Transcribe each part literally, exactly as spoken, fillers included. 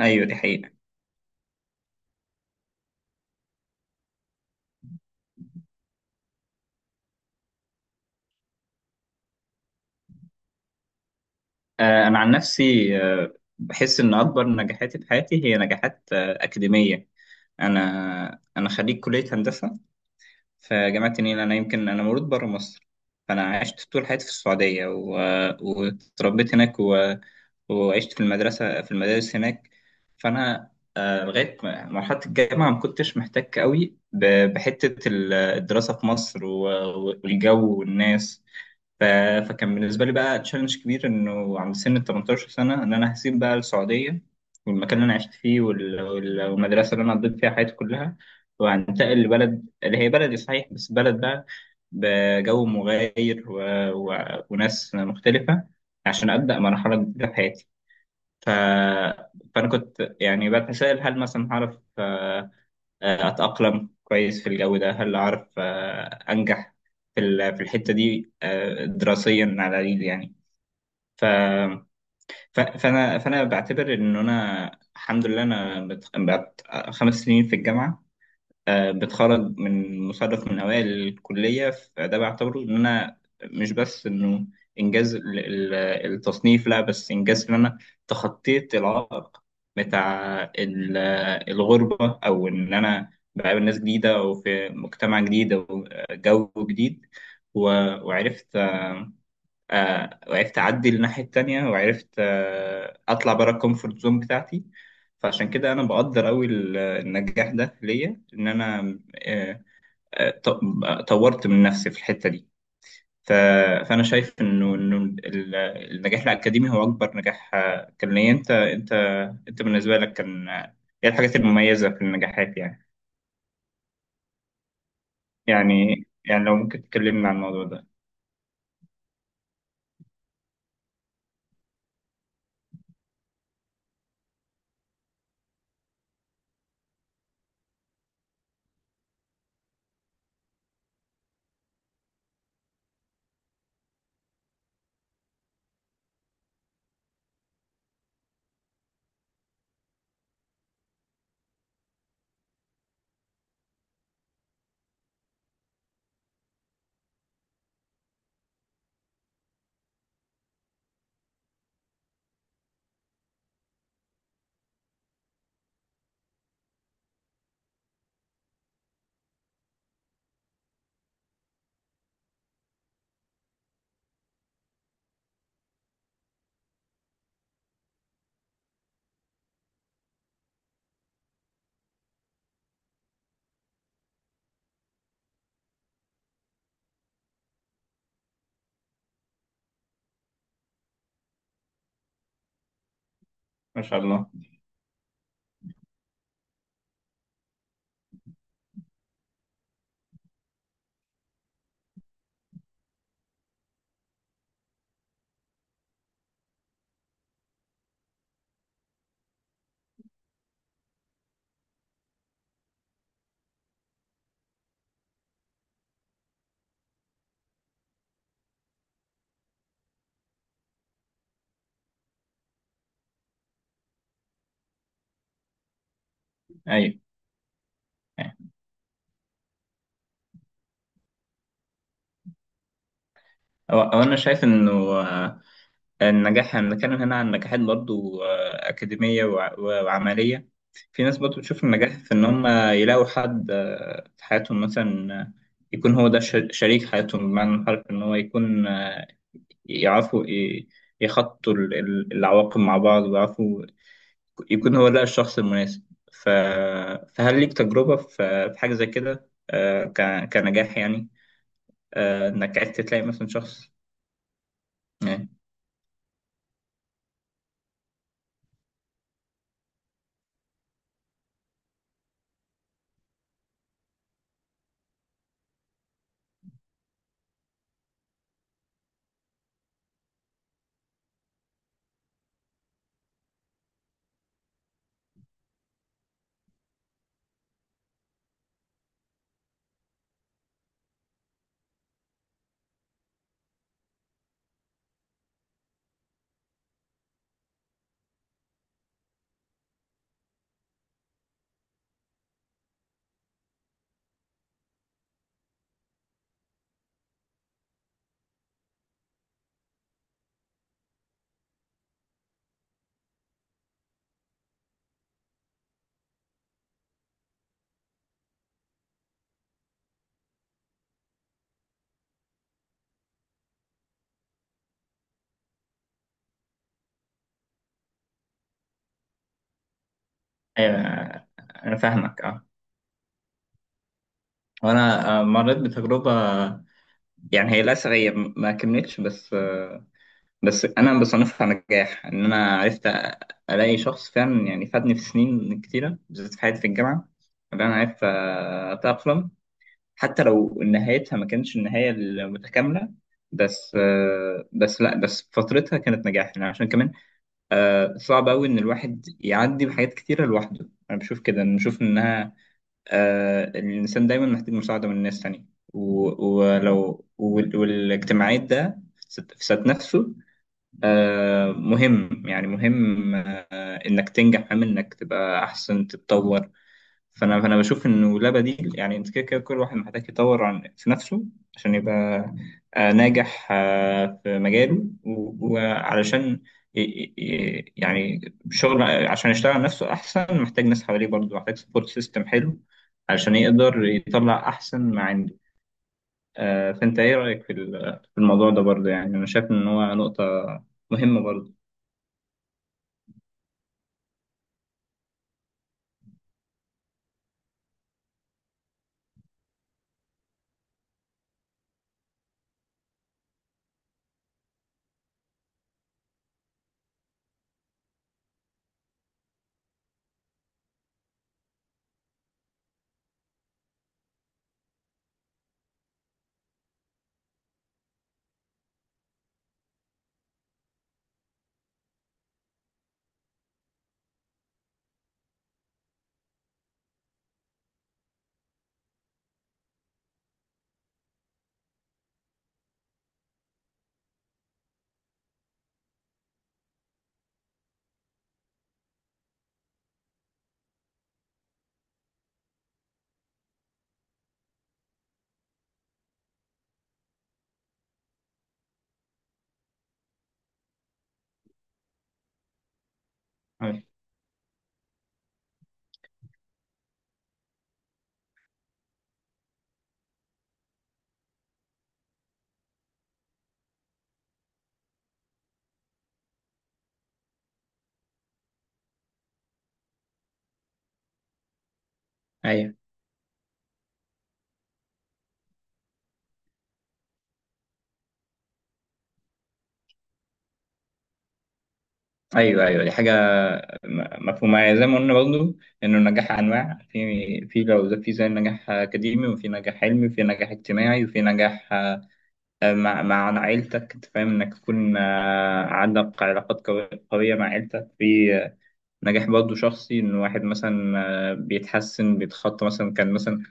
ايوه، دي حقيقة. آه، انا عن نفسي. آه، بحس ان اكبر نجاحاتي في حياتي هي نجاحات آه، اكاديمية. انا انا خريج كلية هندسة في جامعة النيل. انا يمكن انا مولود بره مصر. فانا عشت طول حياتي في السعودية و... آه، واتربيت هناك و... وعشت في المدرسة في المدارس هناك. فأنا آه، لغاية ما- مرحلة الجامعة ما كنتش محتاج قوي ب- بحتة ال- الدراسة في مصر و- والجو والناس. ف... فكان بالنسبة لي بقى تشالنج كبير، إنه عند سن ال تمنتاشر سنة إن أنا هسيب بقى السعودية والمكان اللي أنا عشت فيه وال... وال... والمدرسة اللي أنا قضيت فيها حياتي كلها، وهنتقل لبلد اللي هي بلدي صحيح بس بلد بقى بجو مغاير و... و... وناس مختلفة، عشان أبدأ مرحلة جديدة في حياتي. ف... فأنا كنت يعني بتساءل، هل مثلا هعرف آه، اتاقلم كويس في الجو ده، هل اعرف آه، انجح في ال- في الحته دي آه، دراسيا على الاقل، يعني. ف ف- فانا فانا بعتبر ان انا، الحمد لله، انا بت- بت- خمس سنين في الجامعه آه، بتخرج من مصنف من أوائل الكلية. فده بعتبره إن أنا مش بس إنه إنجاز ال- ال- التصنيف، لا، بس إنجاز إن أنا تخطيت العائق بتاع ال- الغربة، أو إن أنا بقابل ناس جديدة أو في مجتمع جديد أو جو جديد و- وعرفت آه، آه، وعرفت اعدي للناحيه التانية، وعرفت آه، اطلع بره الكومفورت زون بتاعتي. فعشان كده انا بقدر قوي النجاح ده ليا، ان انا آه، آه، ط- طورت من نفسي في الحته دي. ف- فانا شايف انه انه ال- النجاح الاكاديمي هو اكبر نجاح آه، كان ليا. انت انت انت بالنسبه لك كان آه، ايه الحاجات المميزه في النجاحات؟ يعني، يعني يعني لو ممكن تكلمنا عن الموضوع ده. ما شاء الله. ايوه. أيوة. هو هو انا شايف انه آه، النجاح، هنتكلم هنا عن نجاحات برضو آه، أكاديمية وع- وعملية. في ناس برضو بتشوف النجاح في إن هم يلاقوا حد آه، في حياتهم مثلا، آه، يكون هو ده ش- شريك حياتهم، بمعنى الحرف، إن هو يكون آه، يعرفوا ي- يخطوا ال- ال- العواقب مع بعض، ويعرفوا يكون هو ده الشخص المناسب. ف... فهل ليك تجربة في في حاجة زي كده، آه، ك- كنجاح يعني، آه، إنك عرفت تلاقي مثلا شخص، يعني. أيوة، أنا فاهمك. آه. وانا آه، مريت بتجربه، يعني. هي، للاسف، هي ما كملتش، بس آه، بس انا بصنفها نجاح ان انا عرفت الاقي شخص فعلا، يعني فادني في سنين كتيره، بالذات في حياتي في الجامعه اللي انا عرفت آه، اتاقلم. حتى لو نهايتها ما كانتش النهايه المتكامله، بس آه، بس لا بس فترتها كانت نجاح، يعني. عشان كمان آه، صعب قوي ان الواحد يعدي بحاجات كتيره لوحده. انا بشوف كده، أنا بشوف انها آه، الإنسان دايما محتاج مساعدة من الناس تانية. و- ولو وال- والاجتماعية ده ست- في ذات نفسه آه، مهم، يعني مهم آه، إنك تنجح، مهم إنك تبقى أحسن، تتطور. فانا فانا بشوف انه لا بديل، يعني انت كده كده كل واحد محتاج يطور عن في نفسه، عشان يبقى آه، ناجح آه، في مجاله، و- وعلشان ي- ي- ي- يعني شغل، عشان يشتغل على نفسه احسن محتاج ناس حواليه برضه، محتاج سبورت سيستم حلو علشان يقدر يطلع احسن ما عنده. آه، فانت ايه رايك في ال- في الموضوع ده برضه، يعني؟ انا شايف ان هو نقطة مهمة برضه. أيوة. ايوه، ايوه، دي حاجه م- مفهومه، يعني زي ما قلنا برضه، انه النجاح انواع، في في لو زي- في زي نجاح اكاديمي، وفي نجاح علمي، وفي نجاح اجتماعي، وفي نجاح آه، مع مع عيلتك، انت فاهم، انك تكون آه، عندك علاقات قوي- قويه مع عيلتك، في آه، نجاح برضه شخصي، ان واحد مثلا آه، بيتحسن، بيتخطى مثلا، كان مثلا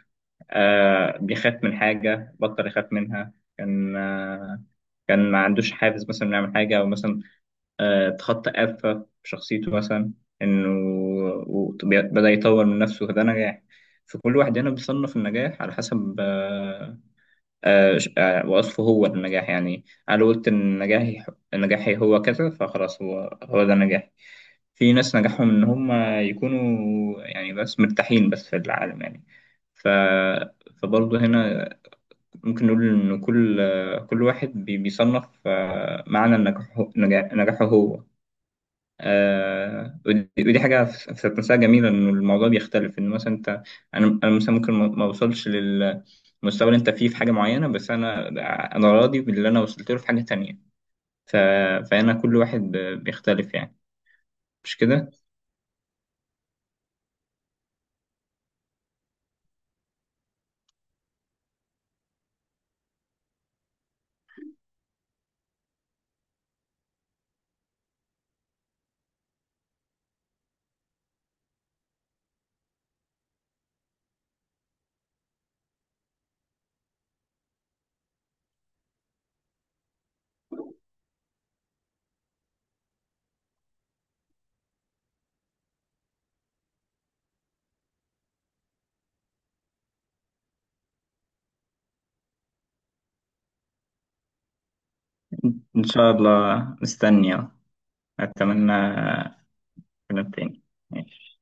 آه، بيخاف من حاجه بطل يخاف منها، كان آه، كان ما عندوش حافز مثلا انه يعمل حاجه، او مثلا آه، اتخطى آفة في شخصيته مثلا، إنه و- بدأ يطور من نفسه، فده نجاح. فكل واحد هنا بيصنف النجاح على حسب آه، آه، ش- آه، وصفه هو للنجاح، يعني. أنا قلت إن نجاحي نجاحي هو كذا، فخلاص، هو هو ده نجاحي. في ناس نجاحهم إن هم يكونوا، يعني، بس مرتاحين بس في العالم، يعني. ف فبرضه هنا ممكن نقول إن كل كل واحد بي- بيصنف آه، معنى نجاحه نجاحه هو. آه ودي ودي حاجة في في ذات نفسها جميلة، إن الموضوع بيختلف، إن مثلا أنت أنا، أنا مثلا ممكن ما ما أوصلش للمستوى اللي أنت فيه في حاجة معينة، بس أنا أنا راضي باللي أنا وصلت له في حاجة تانية. ف... فأنا، كل واحد ب- بيختلف، يعني. مش كده؟ إن شاء الله، مستني. أتمنى كلام تاني. ماشي.